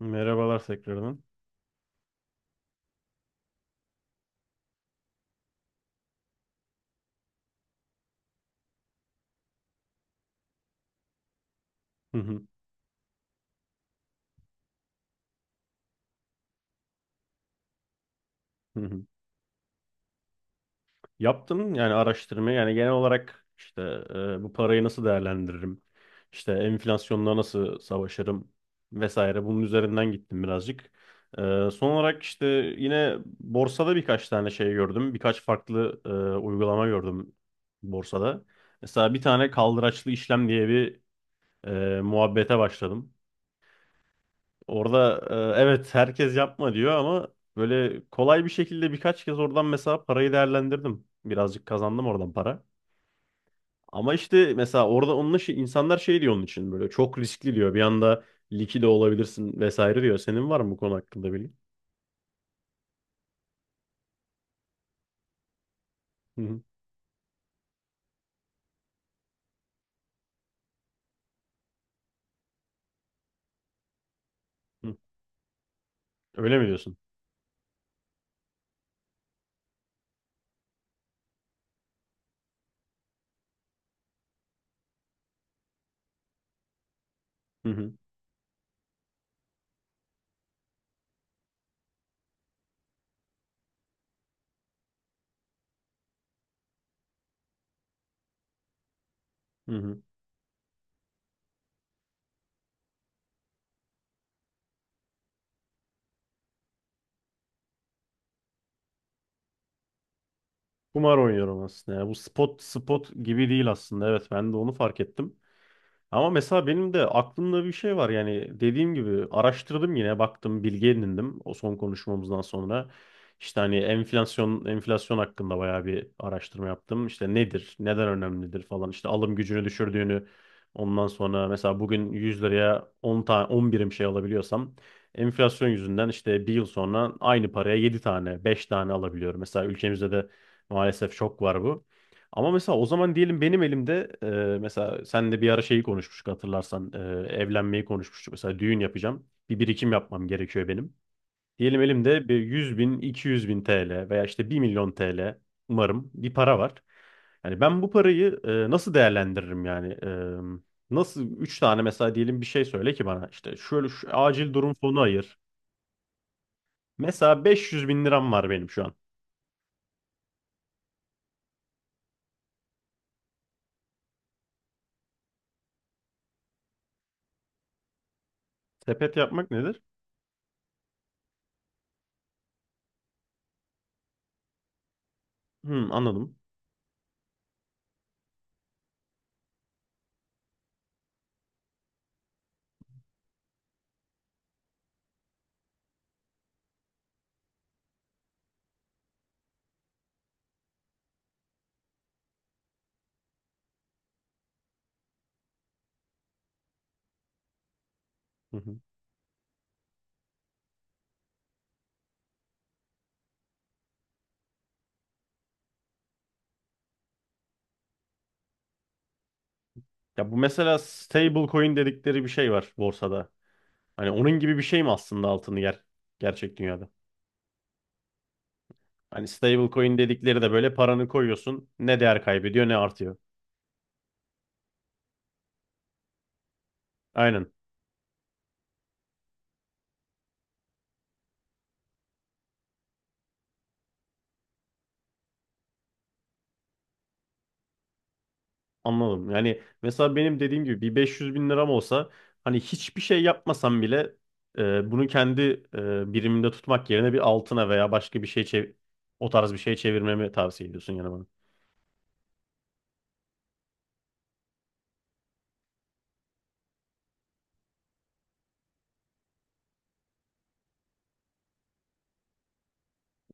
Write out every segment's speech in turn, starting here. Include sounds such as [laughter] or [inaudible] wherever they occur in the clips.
Merhabalar tekrardan. Hı hı, hı hı. Yaptım, yani araştırmayı, yani genel olarak işte bu parayı nasıl değerlendiririm? İşte enflasyonla nasıl savaşırım vesaire, bunun üzerinden gittim birazcık. Son olarak işte yine borsada birkaç tane şey gördüm. Birkaç farklı uygulama gördüm borsada. Mesela bir tane kaldıraçlı işlem diye bir muhabbete başladım. Orada evet, herkes yapma diyor ama böyle kolay bir şekilde birkaç kez oradan mesela parayı değerlendirdim. Birazcık kazandım oradan para. Ama işte mesela orada onunla şey, insanlar şey diyor, onun için böyle çok riskli diyor. Bir anda liki olabilirsin vesaire diyor. Senin var mı bu konu hakkında bilgi? Hı hı. Hı. Öyle mi diyorsun? Hı hı. Hı hı. Kumar oynuyorum aslında ya. Bu spot spot gibi değil aslında. Evet, ben de onu fark ettim. Ama mesela benim de aklımda bir şey var, yani dediğim gibi araştırdım, yine baktım, bilgi edindim o son konuşmamızdan sonra. İşte hani enflasyon, enflasyon hakkında bayağı bir araştırma yaptım. İşte nedir, neden önemlidir falan, işte alım gücünü düşürdüğünü, ondan sonra mesela bugün 100 liraya 10 tane 10 birim şey alabiliyorsam enflasyon yüzünden işte bir yıl sonra aynı paraya 7 tane 5 tane alabiliyorum. Mesela ülkemizde de maalesef çok var bu. Ama mesela o zaman diyelim benim elimde mesela senle bir ara şeyi konuşmuştuk, hatırlarsan evlenmeyi konuşmuştuk. Mesela düğün yapacağım. Bir birikim yapmam gerekiyor benim. Diyelim elimde bir 100 bin, 200 bin TL veya işte bir milyon TL, umarım bir para var. Yani ben bu parayı nasıl değerlendiririm yani? E, nasıl 3 tane mesela diyelim, bir şey söyle ki bana, işte şöyle şu acil durum fonu ayır. Mesela 500 bin liram var benim şu an. Sepet yapmak nedir? Hmm, anladım. [laughs] Ya bu mesela stable coin dedikleri bir şey var borsada. Hani onun gibi bir şey mi aslında altın yer gerçek dünyada? Hani stable coin dedikleri de böyle paranı koyuyorsun. Ne değer kaybediyor ne artıyor. Aynen. Anladım. Yani mesela benim dediğim gibi bir 500 bin liram olsa, hani hiçbir şey yapmasam bile bunu kendi birimimde tutmak yerine bir altına veya başka bir şey o tarz bir şey çevirmemi tavsiye ediyorsun yani bana.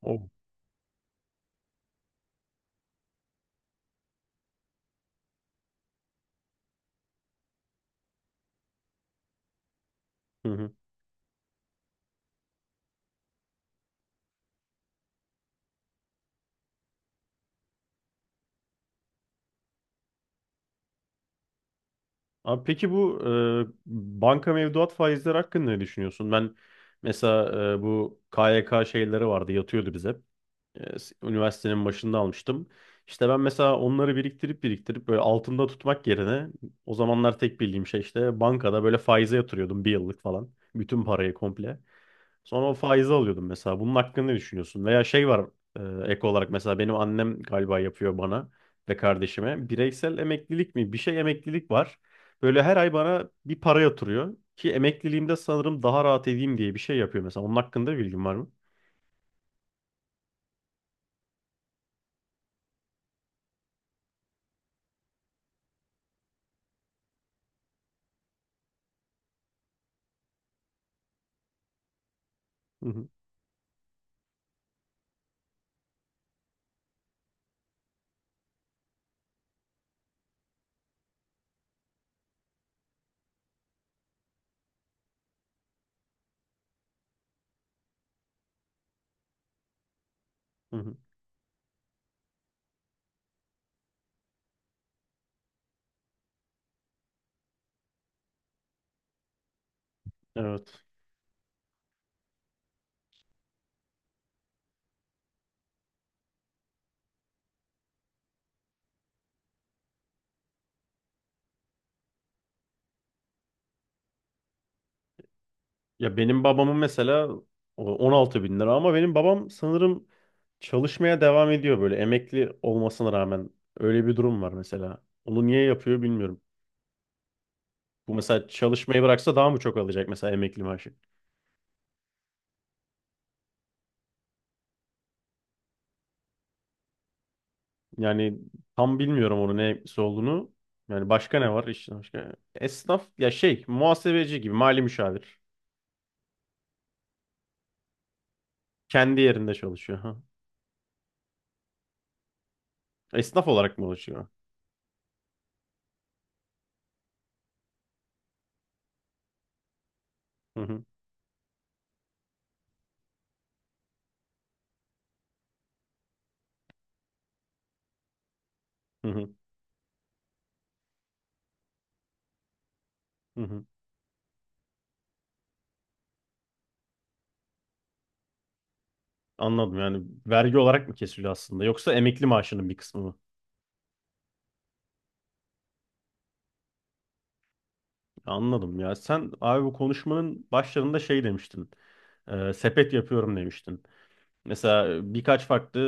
Oh. Abi peki bu e, banka mevduat faizleri hakkında ne düşünüyorsun? Ben mesela bu KYK şeyleri vardı, yatıyordu bize. E, üniversitenin başında almıştım. İşte ben mesela onları biriktirip biriktirip böyle altında tutmak yerine o zamanlar tek bildiğim şey işte bankada böyle faize yatırıyordum bir yıllık falan. Bütün parayı komple. Sonra o faizi alıyordum mesela. Bunun hakkında ne düşünüyorsun? Veya şey var, ek olarak mesela benim annem galiba yapıyor bana ve kardeşime. Bireysel emeklilik mi? Bir şey emeklilik var. Böyle her ay bana bir para yatırıyor. Ki emekliliğimde sanırım daha rahat edeyim diye bir şey yapıyor mesela. Onun hakkında bilgin var mı? Hı hı, hı hı. Evet. Ya benim babamın mesela o 16 bin lira, ama benim babam sanırım çalışmaya devam ediyor, böyle emekli olmasına rağmen. Öyle bir durum var mesela. Onu niye yapıyor bilmiyorum. Bu mesela çalışmayı bıraksa daha mı çok alacak mesela emekli maaşı? Yani tam bilmiyorum onun ne olduğunu. Yani başka ne var işte başka? Esnaf ya şey, muhasebeci gibi, mali müşavir. Kendi yerinde çalışıyor. Ha. Esnaf olarak mı çalışıyor? Hı hı, hı hı, hı hı. Anladım, yani vergi olarak mı kesiliyor aslında yoksa emekli maaşının bir kısmı mı? Anladım. Ya sen abi bu konuşmanın başlarında şey demiştin. Sepet yapıyorum demiştin. Mesela birkaç farklı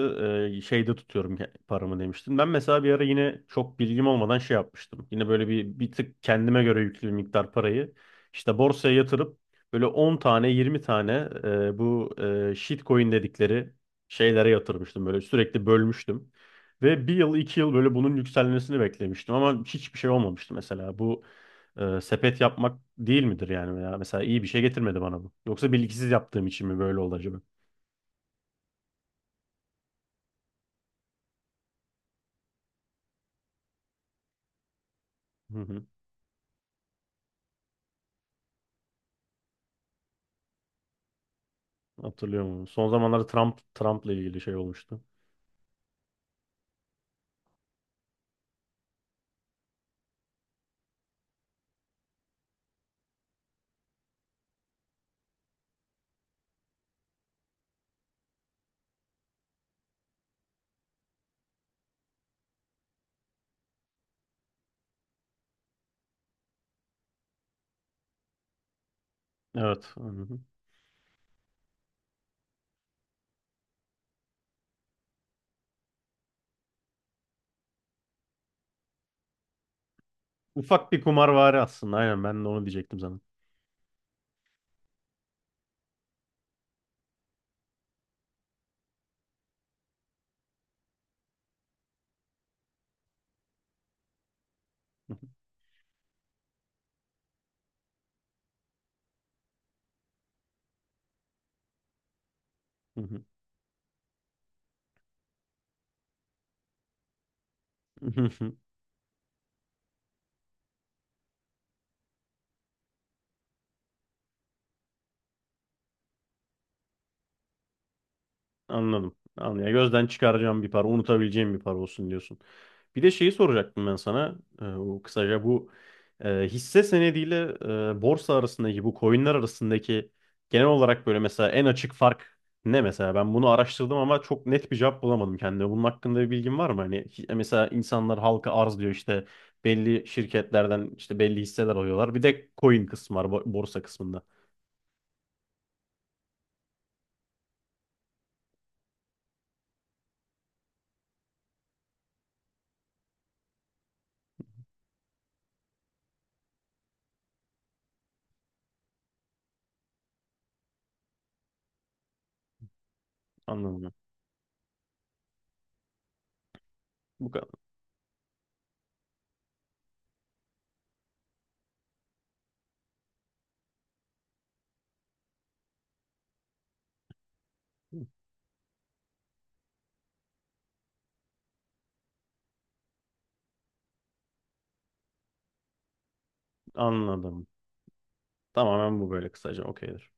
şeyde tutuyorum paramı demiştin. Ben mesela bir ara yine çok bilgim olmadan şey yapmıştım. Yine böyle bir tık kendime göre yüklü bir miktar parayı işte borsaya yatırıp böyle 10 tane 20 tane bu shitcoin dedikleri şeylere yatırmıştım. Böyle sürekli bölmüştüm. Ve bir yıl iki yıl böyle bunun yükselmesini beklemiştim ama hiçbir şey olmamıştı mesela. Bu sepet yapmak değil midir yani? Veya mesela iyi bir şey getirmedi bana bu. Yoksa bilgisiz yaptığım için mi böyle oldu acaba? [laughs] Hatırlıyor musun? Son zamanlarda Trump'la ilgili şey olmuştu. Evet. Hı hı. Ufak bir kumarvari aslında. Aynen, ben de onu diyecektim sana. Hı hı. Hı hı. [laughs] Anladım. Anladım. Ya gözden çıkaracağım bir para, unutabileceğim bir para olsun diyorsun. Bir de şeyi soracaktım ben sana. O kısaca bu hisse senediyle borsa arasındaki, bu coinler arasındaki genel olarak böyle mesela en açık fark ne mesela? Ben bunu araştırdım ama çok net bir cevap bulamadım kendime. Bunun hakkında bir bilgin var mı? Hani mesela insanlar halka arz diyor, işte belli şirketlerden işte belli hisseler alıyorlar. Bir de coin kısmı var borsa kısmında. Anladım. Bu kadar. Anladım. Tamamen bu, böyle kısaca okeydir.